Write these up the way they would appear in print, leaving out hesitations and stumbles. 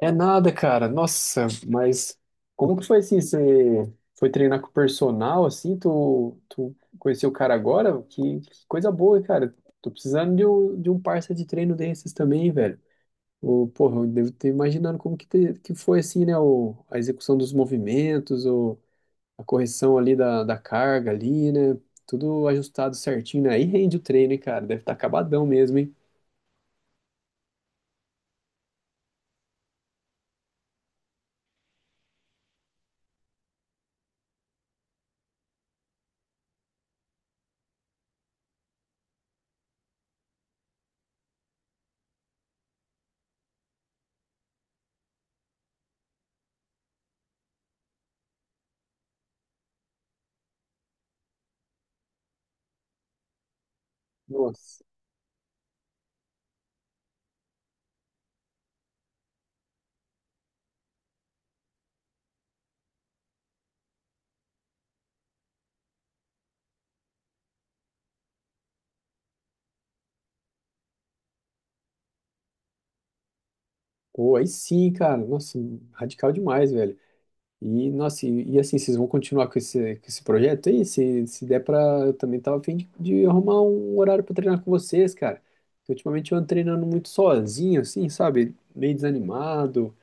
É nada, cara. Nossa, mas como que foi assim? Você foi treinar com o personal, assim? Tu conheceu o cara agora? Que coisa boa, cara. Tô precisando de um parça de treino desses também, velho. O, porra, eu devo ter imaginando como que foi, assim, né? O, a execução dos movimentos, o, a correção ali da carga ali, né? Tudo ajustado certinho, né? Aí rende o treino, hein, cara. Deve estar acabadão mesmo, hein? Nossa. Pô, aí sim, cara. Nossa, radical demais, velho. E, nossa, e assim, vocês vão continuar com esse projeto aí? Se der pra, eu também tava a fim de arrumar um horário pra treinar com vocês, cara. Porque ultimamente eu ando treinando muito sozinho, assim, sabe? Meio desanimado,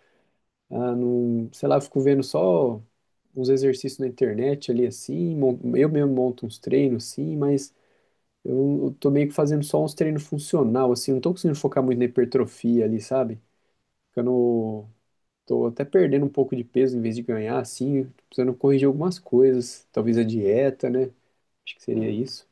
ah, não, sei lá, fico vendo só uns exercícios na internet ali, assim, eu mesmo monto uns treinos, assim mas eu tô meio que fazendo só uns treinos funcional, assim, não tô conseguindo focar muito na hipertrofia ali, sabe? Ficando Tô até perdendo um pouco de peso em vez de ganhar, assim, tô precisando corrigir algumas coisas, talvez a dieta, né? Acho que seria isso.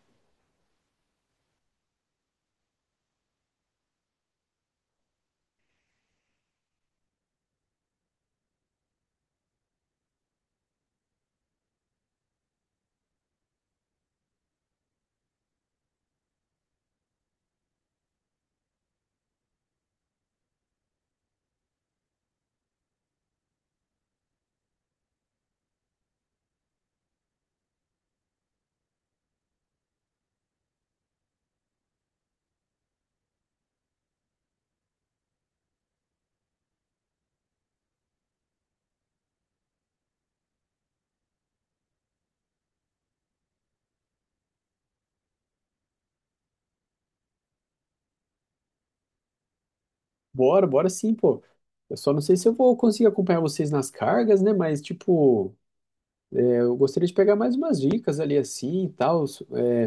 Bora, bora sim, pô. Eu só não sei se eu vou conseguir acompanhar vocês nas cargas, né? Mas, tipo, é, eu gostaria de pegar mais umas dicas ali assim e tal. É,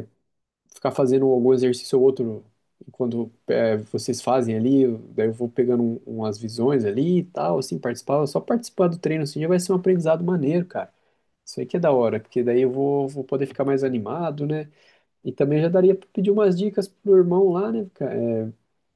ficar fazendo algum exercício ou outro enquanto é, vocês fazem ali. Daí eu vou pegando umas visões ali e tal, assim, participar. Só participar do treino assim já vai ser um aprendizado maneiro, cara. Isso aí que é da hora, porque daí eu vou poder ficar mais animado, né? E também já daria para pedir umas dicas pro irmão lá, né, cara? É,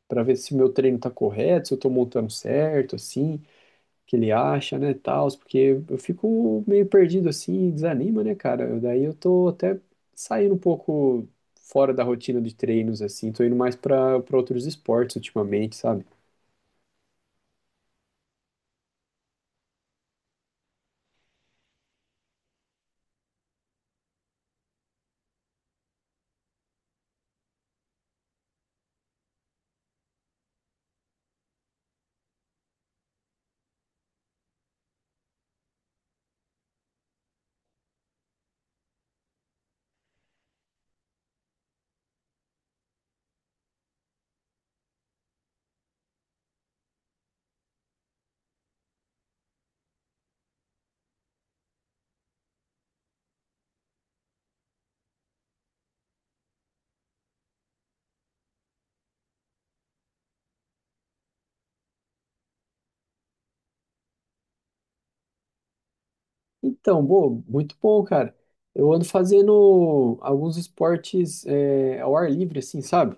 para ver se o meu treino tá correto, se eu tô montando certo, assim, o que ele acha, né, tal, porque eu fico meio perdido assim, desanima, né, cara? Daí eu tô até saindo um pouco fora da rotina de treinos assim, tô indo mais para outros esportes ultimamente, sabe? Então, bom, muito bom, cara. Eu ando fazendo alguns esportes é, ao ar livre, assim, sabe?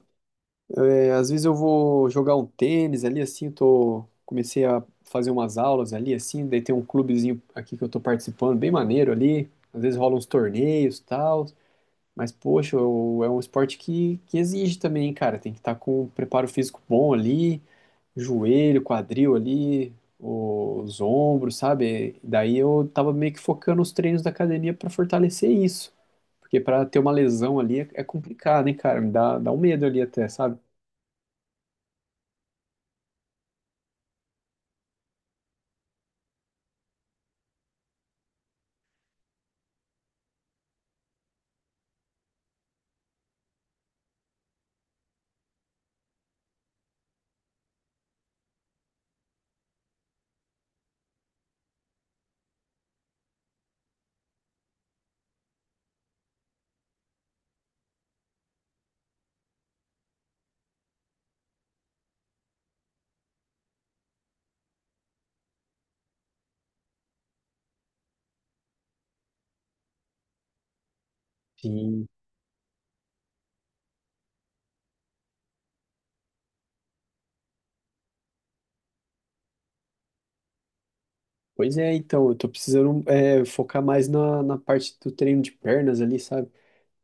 É, às vezes eu vou jogar um tênis ali, assim, eu tô, comecei a fazer umas aulas ali, assim, daí tem um clubezinho aqui que eu tô participando, bem maneiro ali, às vezes rolam uns torneios e tal, mas, poxa, é um esporte que exige também, hein, cara, tem que estar com um preparo físico bom ali, joelho, quadril ali, os ombros, sabe? Daí eu tava meio que focando os treinos da academia pra fortalecer isso, porque pra ter uma lesão ali é complicado, hein, cara, me dá um medo ali até, sabe? Sim. Pois é, então, eu tô precisando é, focar mais na parte do treino de pernas ali, sabe?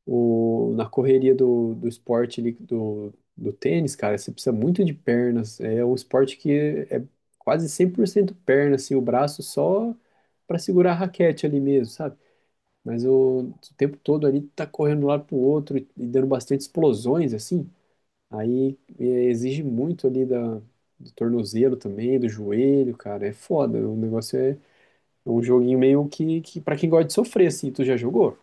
O, na correria do esporte ali, do tênis, cara, você precisa muito de pernas. É um esporte que é quase 100% perna, assim, o braço só para segurar a raquete ali mesmo, sabe? Mas o tempo todo ali tá correndo de um lado pro outro e dando bastante explosões, assim. Aí é, exige muito ali da, do tornozelo também, do joelho, cara, é foda. O negócio é um joguinho meio que para quem gosta de sofrer, assim, tu já jogou?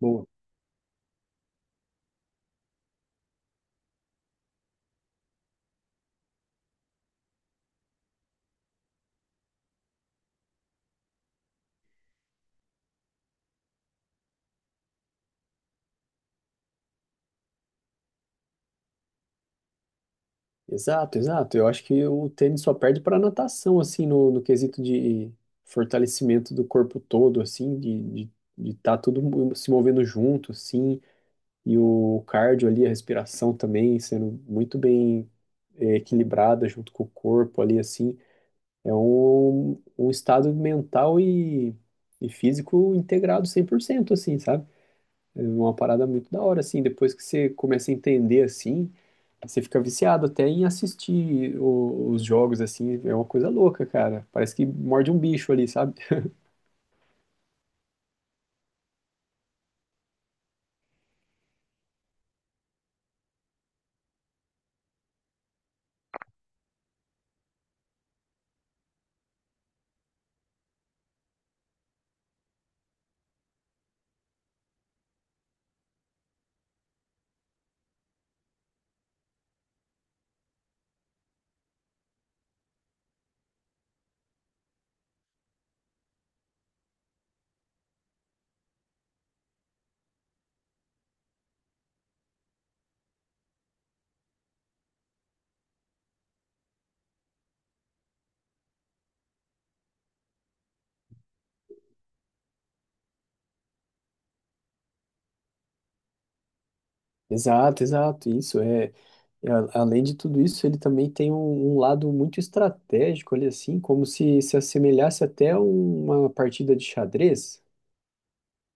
Boa. Exato, exato. Eu acho que o tênis só perde para natação, assim, no, no quesito de fortalecimento do corpo todo, assim, de estar de tá tudo se movendo junto, assim, e o cardio ali, a respiração também sendo muito bem eh, equilibrada junto com o corpo ali, assim. É um, um estado mental e físico integrado 100% assim, sabe? É uma parada muito da hora, assim. Depois que você começa a entender, assim, você fica viciado até em assistir os jogos, assim. É uma coisa louca, cara. Parece que morde um bicho ali, sabe? Exato, exato. Isso é. É, além de tudo isso, ele também tem um, um lado muito estratégico ali, assim, como se assemelhasse até a uma partida de xadrez,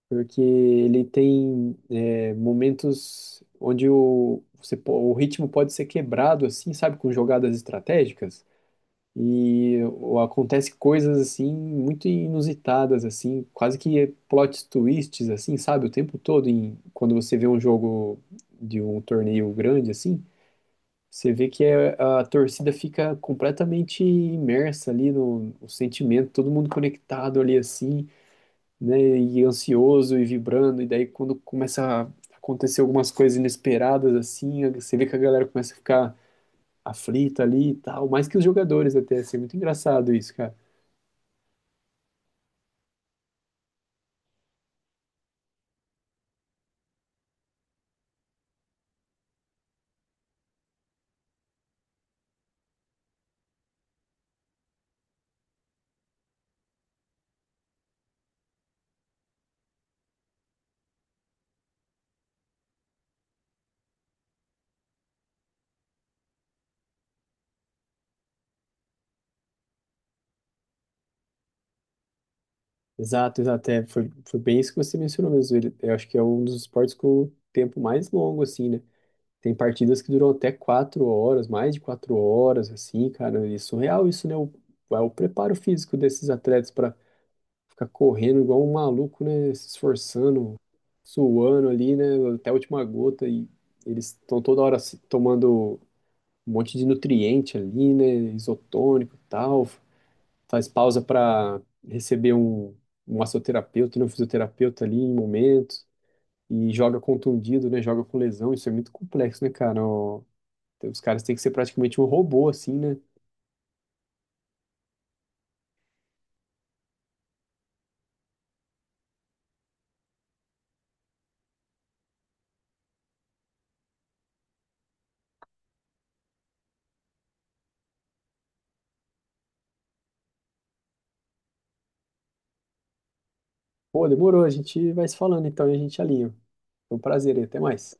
porque ele tem é, momentos onde o, você, o ritmo pode ser quebrado, assim, sabe, com jogadas estratégicas. E acontece coisas assim muito inusitadas assim, quase que plot twists assim, sabe, o tempo todo em quando você vê um jogo de um torneio grande assim, você vê que a torcida fica completamente imersa ali no, no sentimento, todo mundo conectado ali assim, né, e ansioso e vibrando, e daí quando começa a acontecer algumas coisas inesperadas assim, você vê que a galera começa a ficar aflita ali e tal, mais que os jogadores até, assim, é muito engraçado isso, cara. Exato, exato. É, foi bem isso que você mencionou mesmo. Ele, eu acho que é um dos esportes com o tempo mais longo, assim, né? Tem partidas que duram até 4 horas, mais de 4 horas, assim, cara. E é surreal isso, né? O, é o preparo físico desses atletas para ficar correndo igual um maluco, né? Se esforçando, suando ali, né? Até a última gota. E eles estão toda hora tomando um monte de nutriente ali, né? Isotônico e tal faz pausa para receber um, um massoterapeuta, né, um fisioterapeuta ali em momentos, e joga contundido, né, joga com lesão, isso é muito complexo, né, cara? Ó, os caras têm que ser praticamente um robô, assim, né? Pô, demorou, a gente vai se falando, então, e a gente alinha. Foi um prazer, e até mais.